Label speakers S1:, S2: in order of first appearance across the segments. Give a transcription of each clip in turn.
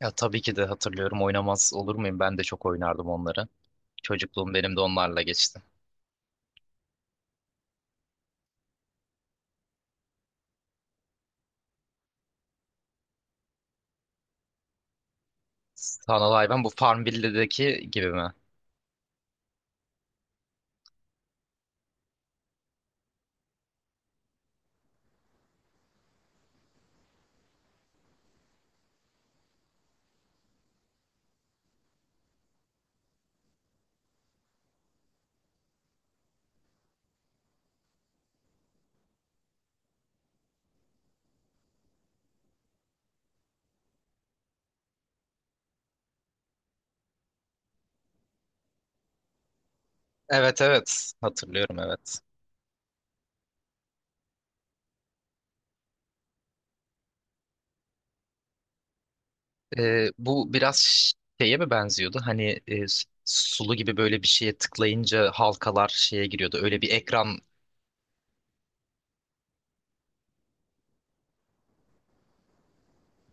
S1: Ya tabii ki de hatırlıyorum. Oynamaz olur muyum? Ben de çok oynardım onları. Çocukluğum benim de onlarla geçti. Sanal hayvan bu Farmville'deki gibi mi? Evet, evet. Hatırlıyorum evet. Bu biraz şeye mi benziyordu? Hani sulu gibi böyle bir şeye tıklayınca halkalar şeye giriyordu. Öyle bir ekran.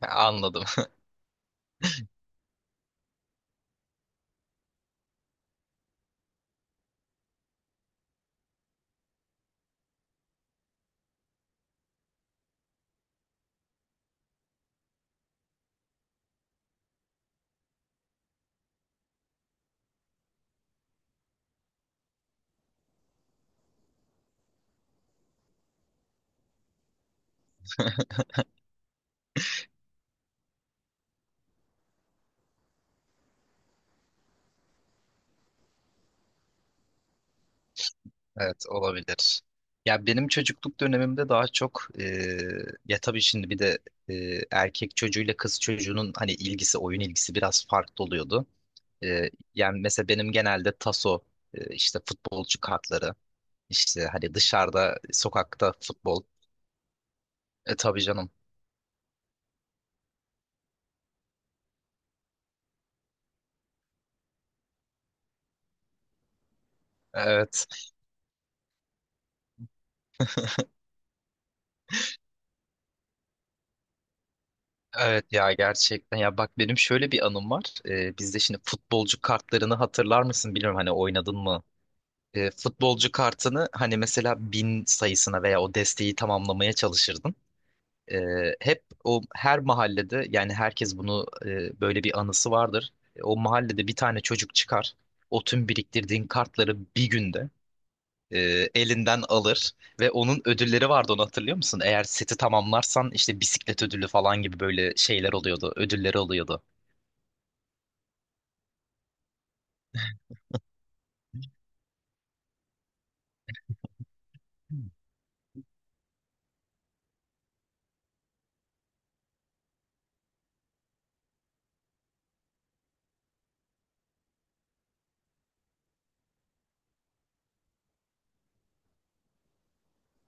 S1: Anladım. Evet, olabilir. Ya benim çocukluk dönemimde daha çok ya tabii şimdi bir de erkek çocuğuyla kız çocuğunun hani ilgisi oyun ilgisi biraz farklı oluyordu. Ee, yani mesela benim genelde taso, işte futbolcu kartları, işte hani dışarıda, sokakta futbol. E tabii canım. Evet, evet ya gerçekten. Ya bak benim şöyle bir anım var. Bizde şimdi futbolcu kartlarını hatırlar mısın bilmiyorum hani oynadın mı? Futbolcu kartını hani mesela bin sayısına veya o desteği tamamlamaya çalışırdın. E, hep o her mahallede yani herkes bunu böyle bir anısı vardır. O mahallede bir tane çocuk çıkar. O tüm biriktirdiğin kartları bir günde e, elinden alır ve onun ödülleri vardı onu hatırlıyor musun? Eğer seti tamamlarsan işte bisiklet ödülü falan gibi böyle şeyler oluyordu, ödülleri oluyordu.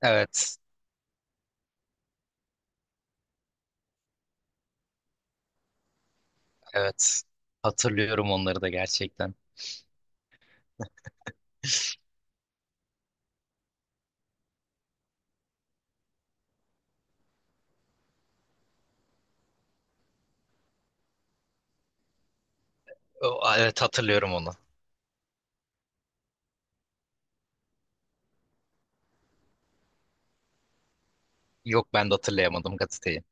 S1: Evet, evet. Hatırlıyorum onları da gerçekten. Evet, hatırlıyorum onu. Yok ben de hatırlayamadım gazeteyi.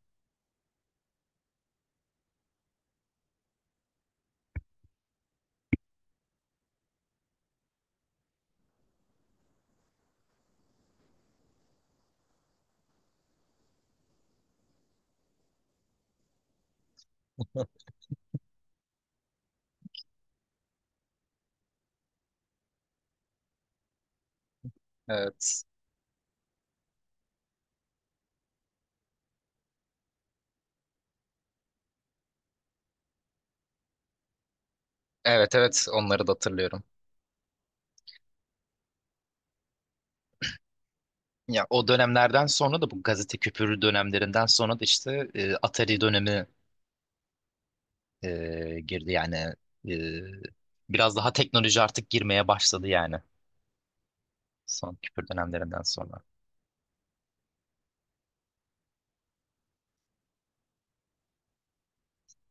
S1: Evet. Evet, evet, onları da hatırlıyorum. Ya o dönemlerden sonra da bu gazete küpürü dönemlerinden sonra da işte Atari dönemi girdi yani e, biraz daha teknoloji artık girmeye başladı yani son küpür dönemlerinden sonra.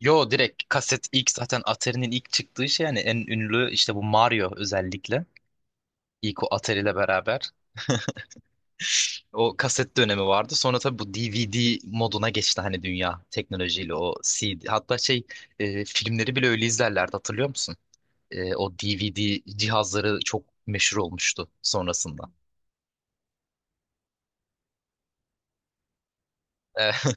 S1: Yo direkt kaset ilk zaten Atari'nin ilk çıktığı şey yani en ünlü işte bu Mario özellikle ilk o Atari ile beraber o kaset dönemi vardı. Sonra tabii bu DVD moduna geçti hani dünya teknolojiyle o CD hatta şey filmleri bile öyle izlerlerdi hatırlıyor musun? O DVD cihazları çok meşhur olmuştu sonrasında. E,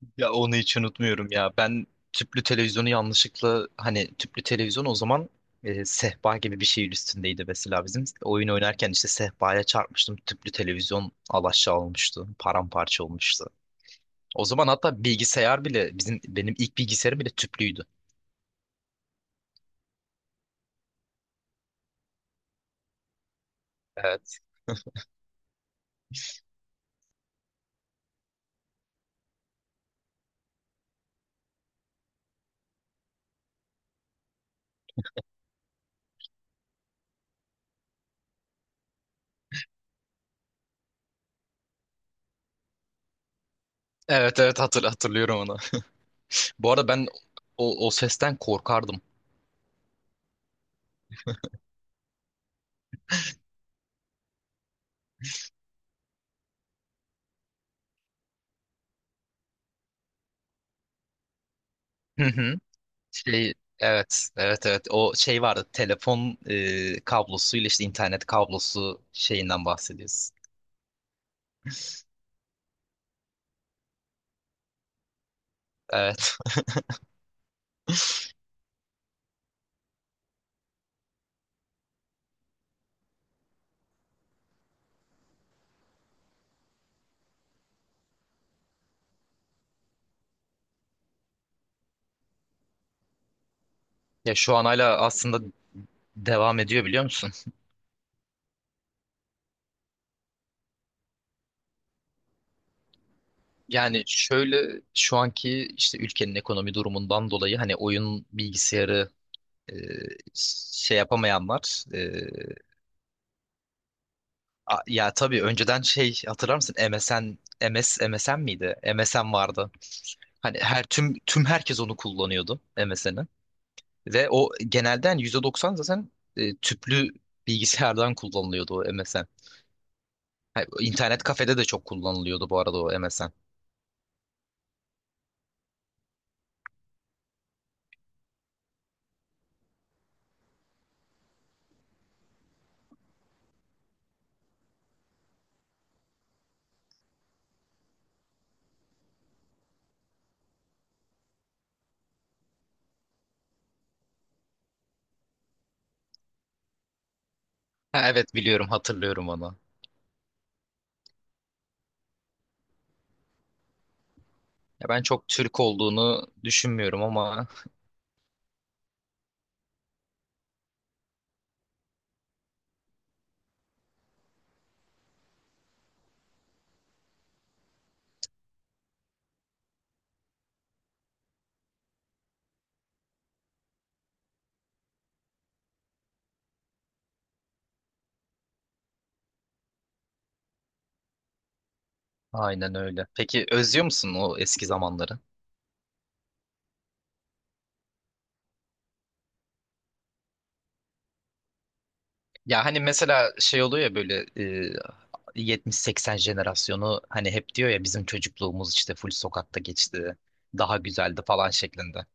S1: Ya onu hiç unutmuyorum ya. Ben tüplü televizyonu yanlışlıkla hani tüplü televizyon o zaman sehpa gibi bir şeyin üstündeydi mesela bizim. Oyun oynarken işte sehpaya çarpmıştım. Tüplü televizyon alaşağı olmuştu. Paramparça olmuştu. O zaman hatta bilgisayar bile bizim benim ilk bilgisayarım bile tüplüydü. Evet. Evet, evet, hatırlıyorum onu. Bu arada ben o sesten korkardım. Şey, evet, evet, evet, o şey vardı telefon, kablosuyla işte internet kablosu şeyinden bahsediyoruz. Evet. Ya şu an hala aslında devam ediyor biliyor musun? Yani şöyle şu anki işte ülkenin ekonomi durumundan dolayı hani oyun bilgisayarı e, şey yapamayanlar ya tabii önceden şey hatırlar mısın? MSN miydi? MSN vardı. Hani her tüm herkes onu kullanıyordu MSN'i. Ve o genelde hani %90 zaten tüplü bilgisayardan kullanılıyordu o MSN. Ha, İnternet kafede de çok kullanılıyordu bu arada o MSN. Ha, evet, biliyorum, hatırlıyorum onu. Ya ben çok Türk olduğunu düşünmüyorum ama aynen öyle. Peki özlüyor musun o eski zamanları? Ya hani mesela şey oluyor ya böyle 70-80 jenerasyonu hani hep diyor ya bizim çocukluğumuz işte full sokakta geçti. Daha güzeldi falan şeklinde.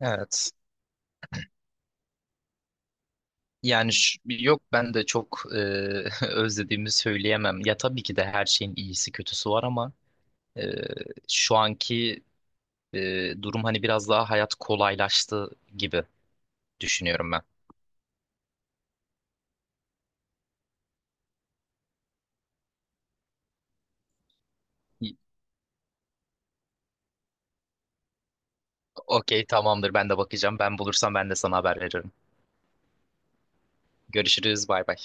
S1: Evet. Yani, yok ben de çok özlediğimi söyleyemem. Ya tabii ki de her şeyin iyisi kötüsü var ama e, şu anki durum hani biraz daha hayat kolaylaştı gibi düşünüyorum ben. Okey tamamdır, ben de bakacağım. Ben bulursam ben de sana haber veririm. Görüşürüz, bay bay.